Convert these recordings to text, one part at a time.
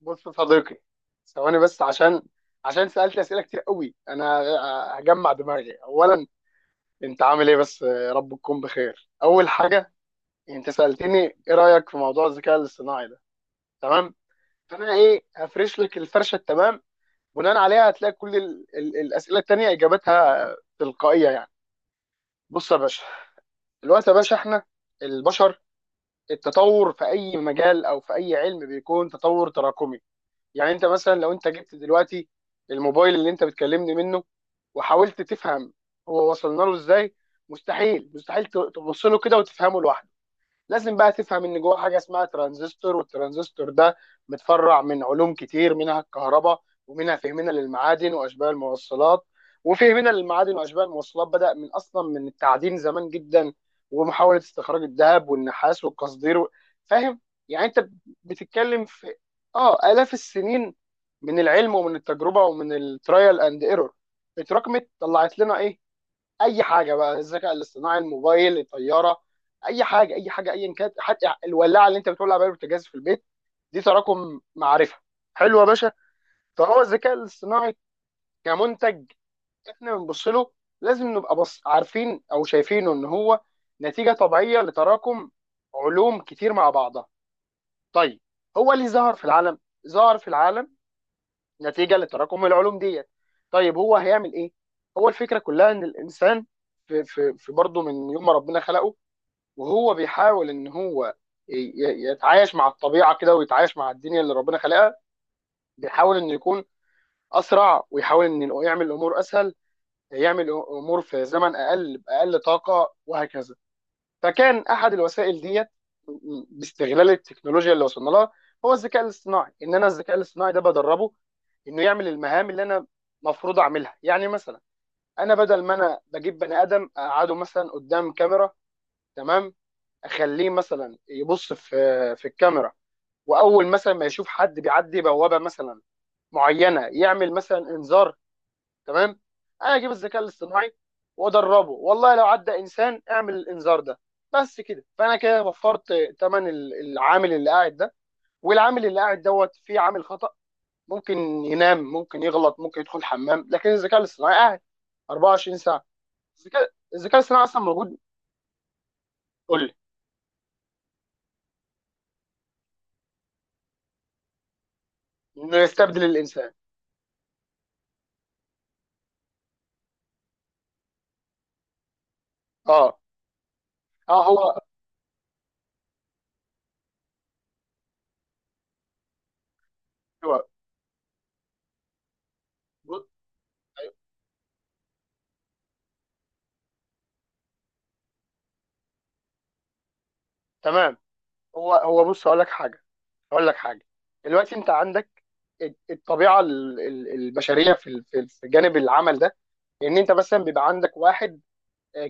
بص يا صديقي، ثواني بس عشان سألت أسئلة كتير قوي. أنا هجمع دماغي أولا. أنت عامل إيه بس؟ رب تكون بخير أول حاجة. أنت سألتني إيه رأيك في موضوع الذكاء الاصطناعي ده. تمام. فأنا إيه هفرش لك الفرشة التمام، بناء عليها هتلاقي كل ال ال الأسئلة التانية إجابتها تلقائية يعني. بص يا باشا، الوقت يا باشا، إحنا البشر، التطور في أي مجال أو في أي علم بيكون تطور تراكمي. يعني انت مثلا لو انت جبت دلوقتي الموبايل اللي انت بتكلمني منه وحاولت تفهم هو وصلنا له ازاي، مستحيل مستحيل تبص له كده وتفهمه لوحده. لازم بقى تفهم ان جواه حاجه اسمها ترانزستور، والترانزستور ده متفرع من علوم كتير، منها الكهرباء ومنها فهمنا للمعادن واشباه الموصلات. وفهمنا للمعادن واشباه الموصلات بدأ من اصلا من التعدين زمان جدا، ومحاوله استخراج الذهب والنحاس والقصدير فاهم؟ يعني انت بتتكلم في اه آلاف السنين من العلم ومن التجربه ومن الترايل اند ايرور، اتراكمت طلعت لنا ايه؟ اي حاجه بقى، الذكاء الاصطناعي، الموبايل، الطياره، اي حاجه اي حاجه ايا كانت، حتى الولاعه اللي انت بتولع بيها البوتاجاز في البيت، دي تراكم معرفه. حلو يا باشا. فهو الذكاء الاصطناعي كمنتج، احنا بنبص له، لازم نبقى بص عارفين او شايفينه ان هو نتيجه طبيعيه لتراكم علوم كتير مع بعضها. طيب، هو اللي ظهر في العالم، ظهر في العالم نتيجه لتراكم العلوم ديت. طيب هو هيعمل ايه؟ هو الفكره كلها ان الانسان في برضه من يوم ما ربنا خلقه وهو بيحاول ان هو يتعايش مع الطبيعه كده ويتعايش مع الدنيا اللي ربنا خلقها. بيحاول انه يكون اسرع ويحاول انه يعمل الامور اسهل، يعمل امور في زمن اقل باقل طاقه، وهكذا. فكان احد الوسائل ديت باستغلال التكنولوجيا اللي وصلنا لها هو الذكاء الاصطناعي، ان انا الذكاء الاصطناعي ده بدربه انه يعمل المهام اللي انا مفروض اعملها. يعني مثلا انا بدل ما انا بجيب بني ادم اقعده مثلا قدام كاميرا، تمام، اخليه مثلا يبص في الكاميرا، واول مثلا ما يشوف حد بيعدي بوابه مثلا معينه يعمل مثلا انذار. تمام؟ انا اجيب الذكاء الاصطناعي وادربه والله لو عدى انسان اعمل الانذار ده بس كده، فانا كده وفرت ثمن العامل اللي قاعد ده، والعامل اللي قاعد دوت فيه عامل خطأ، ممكن ينام، ممكن يغلط، ممكن يدخل حمام، لكن الذكاء الاصطناعي قاعد 24 ساعة ساعه. الذكاء الاصطناعي اصلا موجود. قول لي. انه يستبدل الانسان. اه. اه، هو ب- تمام. هو هو بص اقول لك حاجه. اقول لك حاجه دلوقتي انت عندك الطبيعه البشريه في جانب العمل ده، ان انت مثلا بيبقى عندك واحد.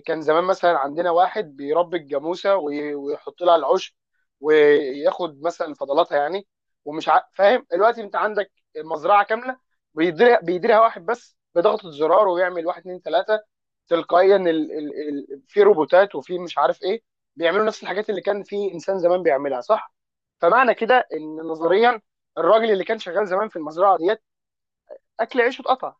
كان زمان مثلا عندنا واحد بيربي الجاموسه ويحط لها العشب وياخد مثلا فضلاتها يعني فاهم. دلوقتي انت عندك مزرعه كامله بيديرها واحد بس، بضغطه زرار ويعمل واحد اتنين تلاته تلقائيا، في روبوتات وفي مش عارف ايه بيعملوا نفس الحاجات اللي كان في انسان زمان بيعملها، صح؟ فمعنى كده ان نظريا الراجل اللي كان شغال زمان في المزرعه ديت اكل عيشه اتقطع.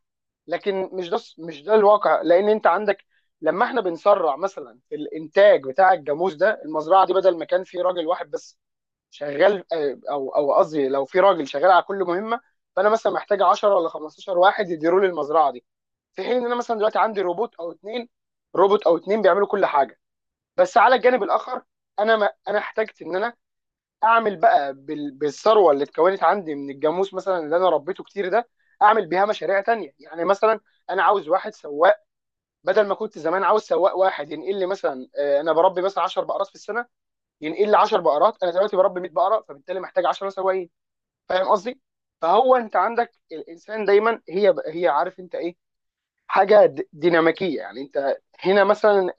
لكن مش ده الواقع، لان انت عندك لما احنا بنسرع مثلا في الانتاج بتاع الجاموس ده، المزرعه دي بدل ما كان في راجل واحد بس شغال، او قصدي لو في راجل شغال على كل مهمه، فانا مثلا محتاج 10 ولا 15 واحد يديروا لي المزرعه دي، في حين ان انا مثلا دلوقتي عندي روبوت او اثنين. روبوت او اثنين بيعملوا كل حاجه. بس على الجانب الاخر، انا ما انا احتجت ان انا اعمل بقى بالثروه اللي اتكونت عندي من الجاموس مثلا اللي انا ربيته كتير ده، اعمل بيها مشاريع تانية. يعني مثلا انا عاوز واحد سواق، بدل ما كنت زمان عاوز سواق واحد ينقل لي مثلا، انا بربي مثلا 10 بقرات في السنه ينقل لي 10 بقرات، انا دلوقتي بربي 100 بقره فبالتالي محتاج 10 سواقين. فاهم قصدي؟ فهو انت عندك الانسان دايما، هي عارف انت ايه، حاجه ديناميكيه. يعني انت هنا مثلا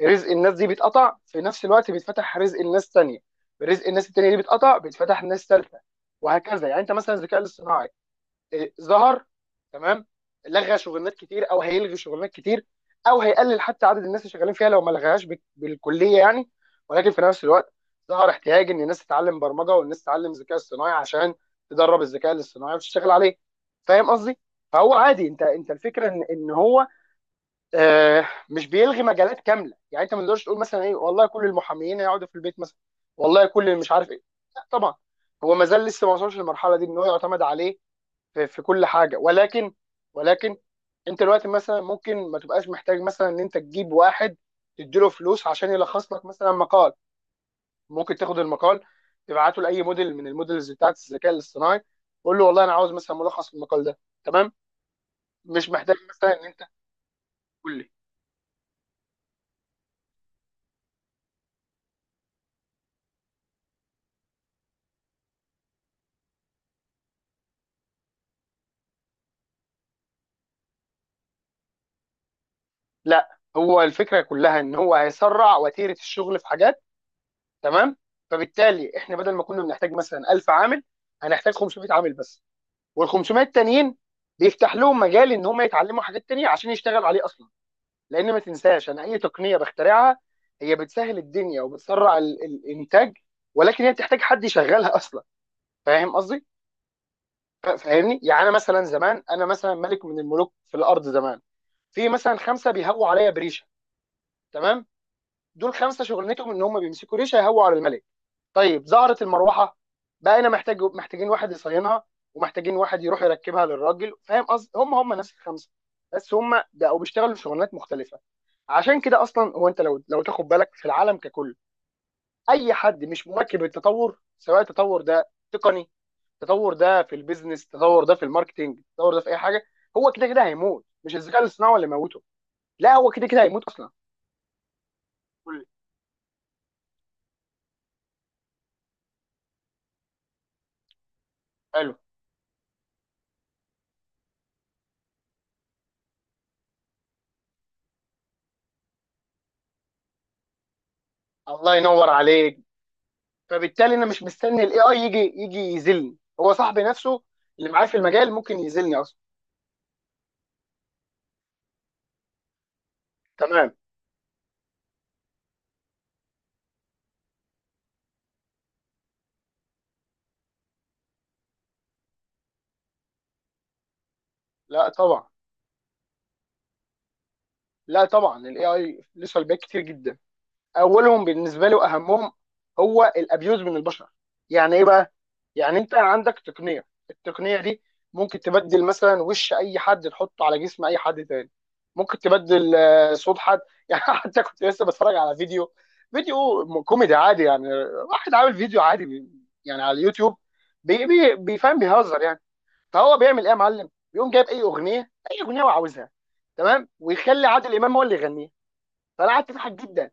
رزق الناس دي بيتقطع في نفس الوقت بيتفتح رزق الناس تانية، رزق الناس التانية دي بيتقطع بيتفتح ناس تالتة، وهكذا. يعني انت مثلا الذكاء الاصطناعي ظهر، تمام، لغى شغلانات كتير او هيلغي شغلانات كتير، او هيقلل حتى عدد الناس اللي شغالين فيها لو ما لغاهاش بالكليه يعني. ولكن في نفس الوقت ظهر احتياج ان الناس تتعلم برمجه والناس تتعلم ذكاء اصطناعي عشان تدرب الذكاء الاصطناعي وتشتغل عليه. فاهم قصدي؟ فهو عادي. انت الفكره ان هو مش بيلغي مجالات كامله. يعني انت ما تقدرش تقول مثلا ايه، والله كل المحاميين هيقعدوا في البيت مثلا، والله كل اللي مش عارف ايه، لا طبعا. هو ما زال لسه ما وصلش للمرحله دي ان هو يعتمد عليه في كل حاجه، ولكن ولكن انت دلوقتي مثلا ممكن ما تبقاش محتاج مثلا ان انت تجيب واحد تديله فلوس عشان يلخص لك مثلا مقال. ممكن تاخد المقال تبعته لاي موديل من الموديلز بتاعت الذكاء الاصطناعي، قول له والله انا عاوز مثلا ملخص المقال ده، تمام، مش محتاج مثلا ان انت تقول لي. لا، هو الفكره كلها ان هو هيسرع وتيره الشغل في حاجات، تمام، فبالتالي احنا بدل ما كنا بنحتاج مثلا 1000 عامل هنحتاج 500 عامل بس، وال 500 التانيين بيفتح لهم مجال ان هم يتعلموا حاجات تانية عشان يشتغلوا عليه اصلا. لان ما تنساش، انا اي تقنيه بخترعها هي بتسهل الدنيا وبتسرع الانتاج، ولكن هي بتحتاج حد يشغلها اصلا. فاهم قصدي؟ فاهمني يعني. انا مثلا زمان، انا مثلا ملك من الملوك في الارض زمان، في مثلا خمسه بيهووا عليا بريشه، تمام، دول خمسه شغلتهم ان هم بيمسكوا ريشه يهووا على الملك. طيب، ظهرت المروحه، بقينا محتاجين واحد يصينها، ومحتاجين واحد يروح يركبها للراجل. فاهم قصدي؟ هم نفس الخمسه، بس هم بقوا بيشتغلوا شغلانات مختلفه. عشان كده اصلا هو، انت لو تاخد بالك في العالم ككل، اي حد مش مواكب التطور، سواء التطور ده تقني، التطور ده في البيزنس، التطور ده في الماركتينج، التطور ده في اي حاجه، هو كده كده هيموت. مش الذكاء الاصطناعي هو اللي موته، لا، هو كده كده هيموت اصلا. قول. حلو. الله ينور عليك. فبالتالي انا مش مستني الاي اي يجي، يذلني هو صاحبي نفسه اللي معاه في المجال ممكن يذلني اصلا. تمام. لا طبعا. لا طبعا، الاي اي له سلبيات كتير جدا، اولهم بالنسبه لي واهمهم هو الابيوز من البشر. يعني ايه بقى؟ يعني انت عندك تقنيه، التقنيه دي ممكن تبدل مثلا وش اي حد تحطه على جسم اي حد تاني، ممكن تبدل صوت حد يعني. حتى كنت لسه بتفرج على فيديو، كوميدي عادي يعني. واحد عامل فيديو عادي، يعني على اليوتيوب، بي بي بيفهم بيهزر يعني. فهو بيعمل ايه يا معلم؟ بيقوم جايب اي اغنيه هو عاوزها، تمام، ويخلي عادل امام هو اللي يغنيها. فانا قعدت اضحك جدا.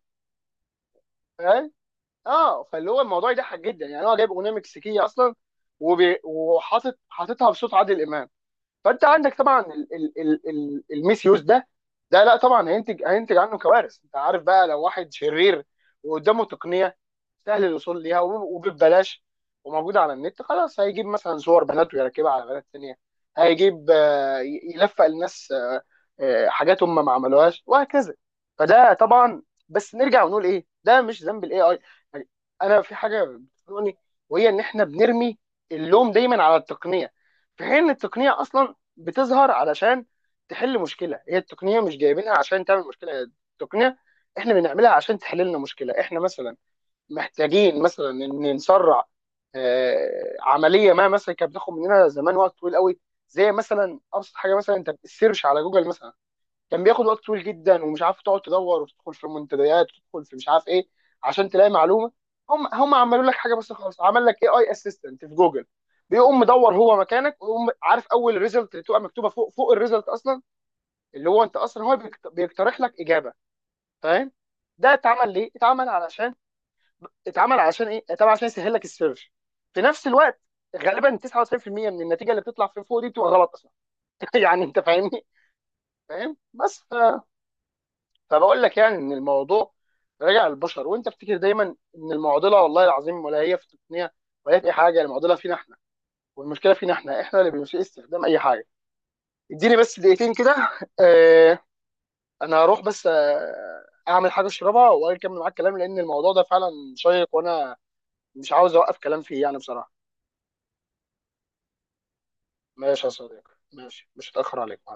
اه، فاللي هو الموضوع يضحك جدا يعني، هو جايب اغنيه مكسيكيه اصلا، حاططها بصوت عادل امام. فانت عندك طبعا الميس يوز ده. ده لا طبعا هينتج، عنه كوارث. انت عارف بقى، لو واحد شرير وقدامه تقنيه سهل الوصول ليها وببلاش وموجوده على النت، خلاص، هيجيب مثلا صور بنات ويركبها على بنات تانيه، هيجيب يلفق للناس حاجات هم ما عملوهاش، وهكذا. فده طبعا. بس نرجع ونقول ايه، ده مش ذنب الاي اي. انا في حاجه بتضايقني، وهي ان احنا بنرمي اللوم دايما على التقنيه، في حين ان التقنيه اصلا بتظهر علشان تحل مشكله، هي التقنيه مش جايبينها عشان تعمل مشكله، هي التقنيه احنا بنعملها عشان تحل لنا مشكله. احنا مثلا محتاجين مثلا ان نسرع عمليه ما مثلا كانت بتاخد مننا زمان وقت طويل قوي، زي مثلا ابسط حاجه مثلا، انت السيرش على جوجل مثلا كان بياخد وقت طويل جدا ومش عارف، تقعد تدور وتدخل في منتديات وتدخل في مش عارف ايه عشان تلاقي معلومه. هم عملوا لك حاجه بس خلاص، عمل لك اي اي اسيستنت في جوجل بيقوم مدور هو مكانك، ويقوم عارف اول ريزلت اللي تبقى مكتوبه فوق الريزلت اصلا، اللي هو انت اصلا هو بيقترح لك اجابه. فاهم؟ ده اتعمل ليه؟ اتعمل علشان، اتعمل علشان ايه، اتعمل عشان يسهل لك السيرش. في نفس الوقت، غالبا 99% من النتيجه اللي بتطلع في فوق دي بتبقى غلط اصلا يعني. انت فاهمني؟ فاهم بس. فبقول لك يعني ان الموضوع راجع للبشر، وانت افتكر دايما ان المعضله والله العظيم ولا هي في التقنيه ولا هي في اي حاجه، المعضله فينا احنا، والمشكله فينا احنا، احنا اللي بنسيء استخدام اي حاجه. اديني بس دقيقتين كده آه انا هروح بس اعمل حاجه اشربها واجي اكمل معاك الكلام، لان الموضوع ده فعلا شيق، وانا مش عاوز اوقف كلام فيه يعني بصراحه. ماشي يا صديقي، ماشي، مش هتاخر عليك. مع